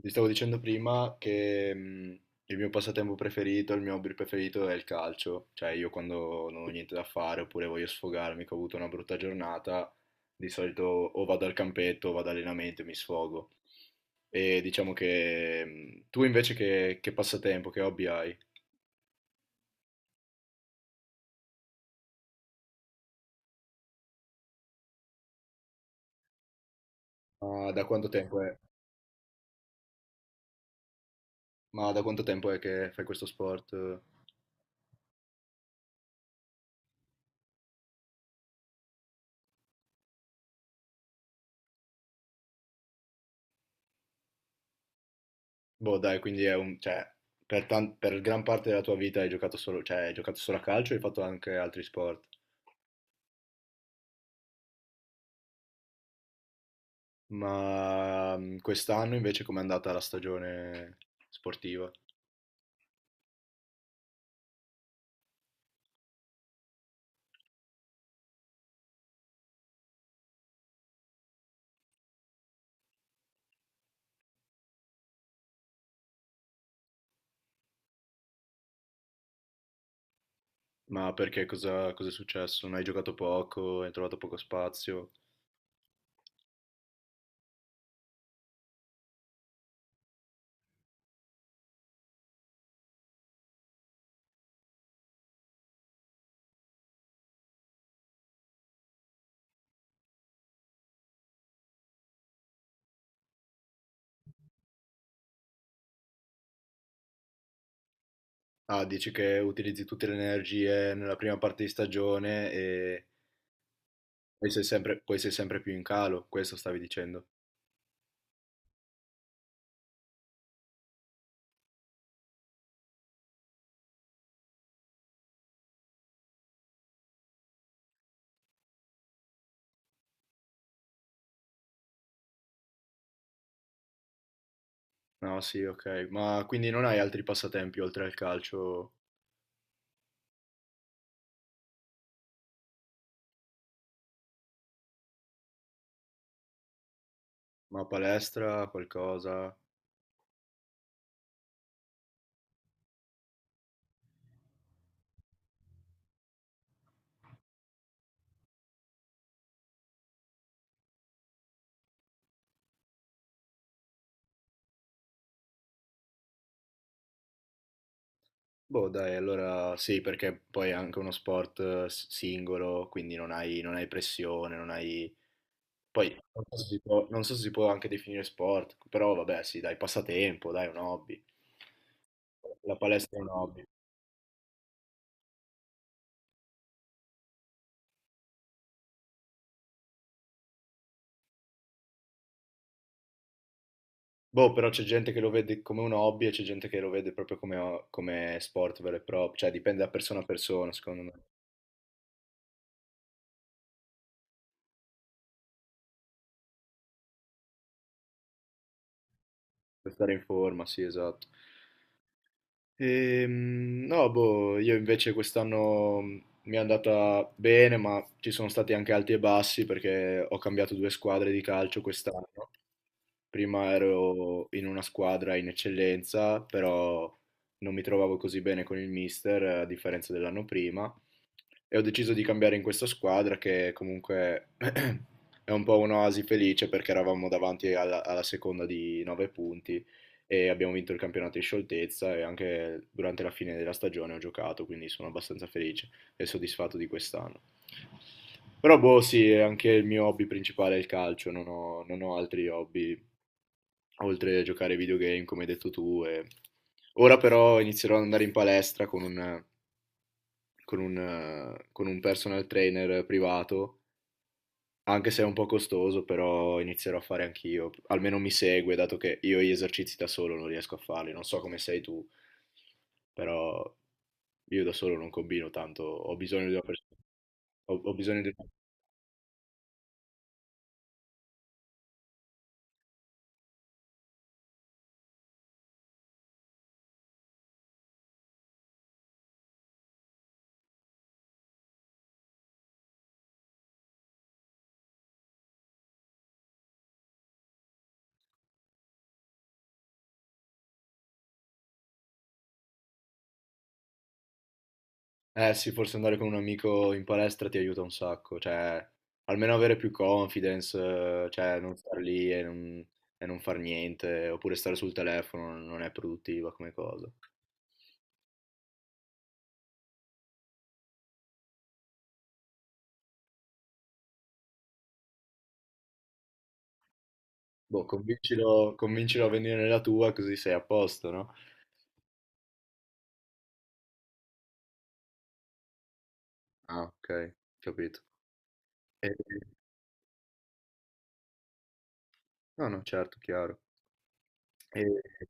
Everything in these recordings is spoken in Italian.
Ti stavo dicendo prima che il mio passatempo preferito, il mio hobby preferito è il calcio, cioè io quando non ho niente da fare oppure voglio sfogarmi, che ho avuto una brutta giornata, di solito o vado al campetto o vado all'allenamento e mi sfogo. E diciamo che tu invece che passatempo, che hobby hai? Ma da quanto tempo è? Ma da quanto tempo è che fai questo sport? Boh, dai, quindi è un, cioè, per gran parte della tua vita hai giocato solo, cioè, hai giocato solo a calcio e hai fatto anche altri sport. Ma quest'anno invece com'è andata la stagione sportiva? Ma perché cosa è successo? Non hai giocato poco, hai trovato poco spazio? Ah, dici che utilizzi tutte le energie nella prima parte di stagione e poi sei sempre più in calo, questo stavi dicendo. No, sì, ok. Ma quindi non hai altri passatempi oltre al calcio? Ma palestra, qualcosa? Boh, dai, allora sì, perché poi è anche uno sport singolo, quindi non hai pressione, non hai. Poi non so se si può, non so se si può anche definire sport, però vabbè, sì, dai, passatempo, dai, un hobby. La palestra è un hobby. Boh, però c'è gente che lo vede come un hobby e c'è gente che lo vede proprio come sport vero e proprio, cioè dipende da persona a persona, secondo me, per stare in forma, sì, esatto. No, boh, io invece quest'anno mi è andata bene, ma ci sono stati anche alti e bassi perché ho cambiato due squadre di calcio quest'anno. Prima ero in una squadra in eccellenza, però non mi trovavo così bene con il mister, a differenza dell'anno prima, e ho deciso di cambiare in questa squadra che comunque è un po' un'oasi felice perché eravamo davanti alla seconda di 9 punti e abbiamo vinto il campionato in scioltezza e anche durante la fine della stagione ho giocato, quindi sono abbastanza felice e soddisfatto di quest'anno. Però boh, sì, anche il mio hobby principale è il calcio, non ho altri hobby oltre a giocare ai videogame, come hai detto tu. Ora però inizierò ad andare in palestra con un personal trainer privato, anche se è un po' costoso, però inizierò a fare anch'io. Almeno mi segue, dato che io gli esercizi da solo non riesco a farli. Non so come sei tu, però io da solo non combino tanto. Ho bisogno di una persona. Ho, ho bisogno di Eh sì, forse andare con un amico in palestra ti aiuta un sacco, cioè almeno avere più confidence, cioè non star lì e non far niente, oppure stare sul telefono non è produttiva come cosa. Boh, convincilo a venire nella tua così sei a posto, no? Ah, ok, capito. E- No, no, certo, chiaro. E-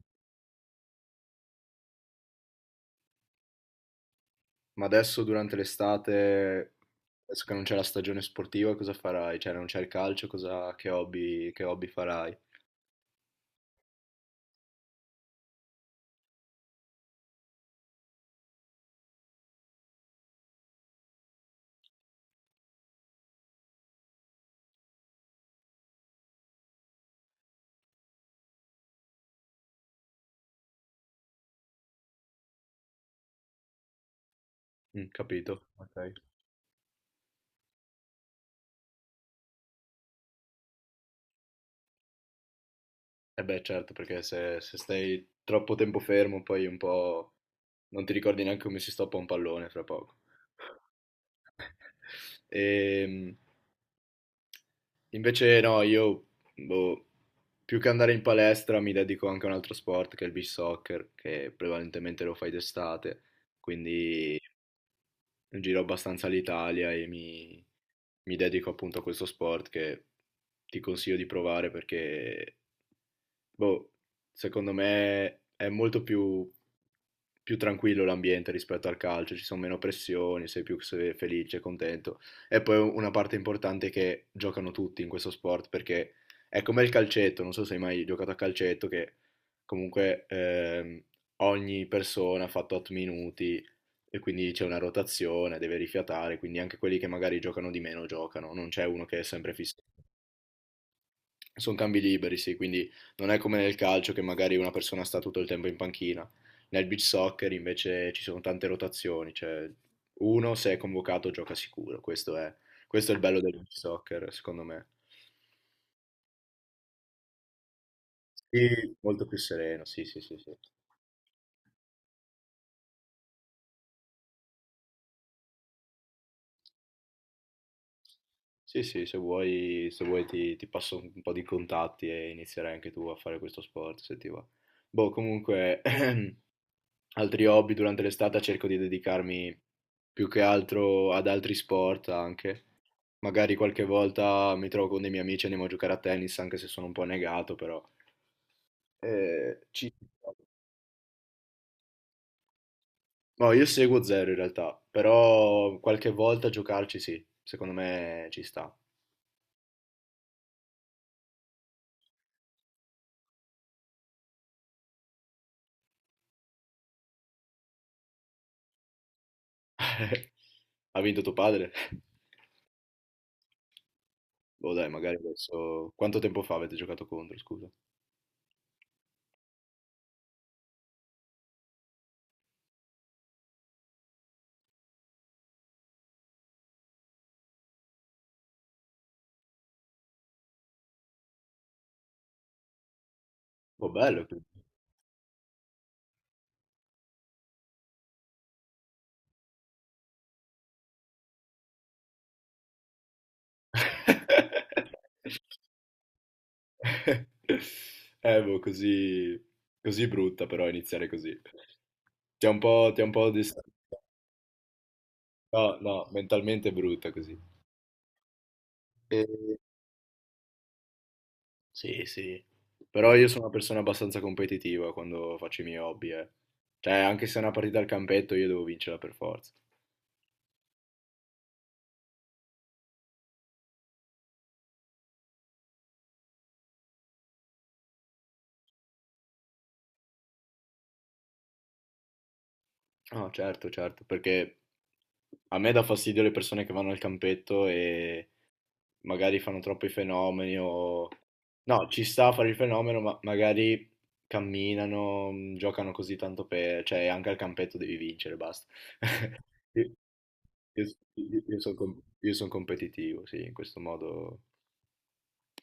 Ma adesso durante l'estate, adesso che non c'è la stagione sportiva, cosa farai? Cioè non c'è il calcio, che hobby farai? Mm, capito, ok. Eh beh, certo, perché se stai troppo tempo fermo, poi un po' non ti ricordi neanche come si stoppa un pallone fra poco. Ehm, invece no, io boh, più che andare in palestra mi dedico anche a un altro sport che è il beach soccer, che prevalentemente lo fai d'estate, quindi giro abbastanza l'Italia e mi dedico appunto a questo sport che ti consiglio di provare perché, boh, secondo me è molto più più tranquillo l'ambiente rispetto al calcio, ci sono meno pressioni, sei più felice, contento. E poi una parte importante è che giocano tutti in questo sport perché è come il calcetto, non so se hai mai giocato a calcetto, che comunque ogni persona ha fatto 8 minuti e quindi c'è una rotazione, deve rifiatare, quindi anche quelli che magari giocano di meno giocano, non c'è uno che è sempre fisso. Sono cambi liberi, sì, quindi non è come nel calcio che magari una persona sta tutto il tempo in panchina. Nel beach soccer invece ci sono tante rotazioni, cioè uno se è convocato gioca sicuro, questo è il bello del beach soccer, secondo me. Sì, molto più sereno, sì, sì, sì, sì. Sì, sì, se vuoi ti passo un po' di contatti e inizierai anche tu a fare questo sport, se ti va. Boh, comunque, altri hobby durante l'estate cerco di dedicarmi più che altro ad altri sport anche. Magari qualche volta mi trovo con dei miei amici e andiamo a giocare a tennis, anche se sono un po' negato, però. Ci... No, io seguo zero in realtà, però qualche volta giocarci sì, secondo me ci sta. Ha vinto tuo padre? Boh, dai, magari adesso... Quanto tempo fa avete giocato contro, scusa? Boh, bello. Quindi. Boh, così... Così brutta però iniziare così. Ti ha un po' distratto. No, no, mentalmente è brutta così. E- Sì, sì, però io sono una persona abbastanza competitiva quando faccio i miei hobby, eh. Cioè, anche se è una partita al campetto, io devo vincerla per forza. No, certo, certo, perché a me dà fastidio le persone che vanno al campetto e magari fanno troppi fenomeni o... No, ci sta a fare il fenomeno, ma magari camminano, giocano così tanto per... Cioè, anche al campetto devi vincere, basta. Io, io sono competitivo, sì, in questo modo.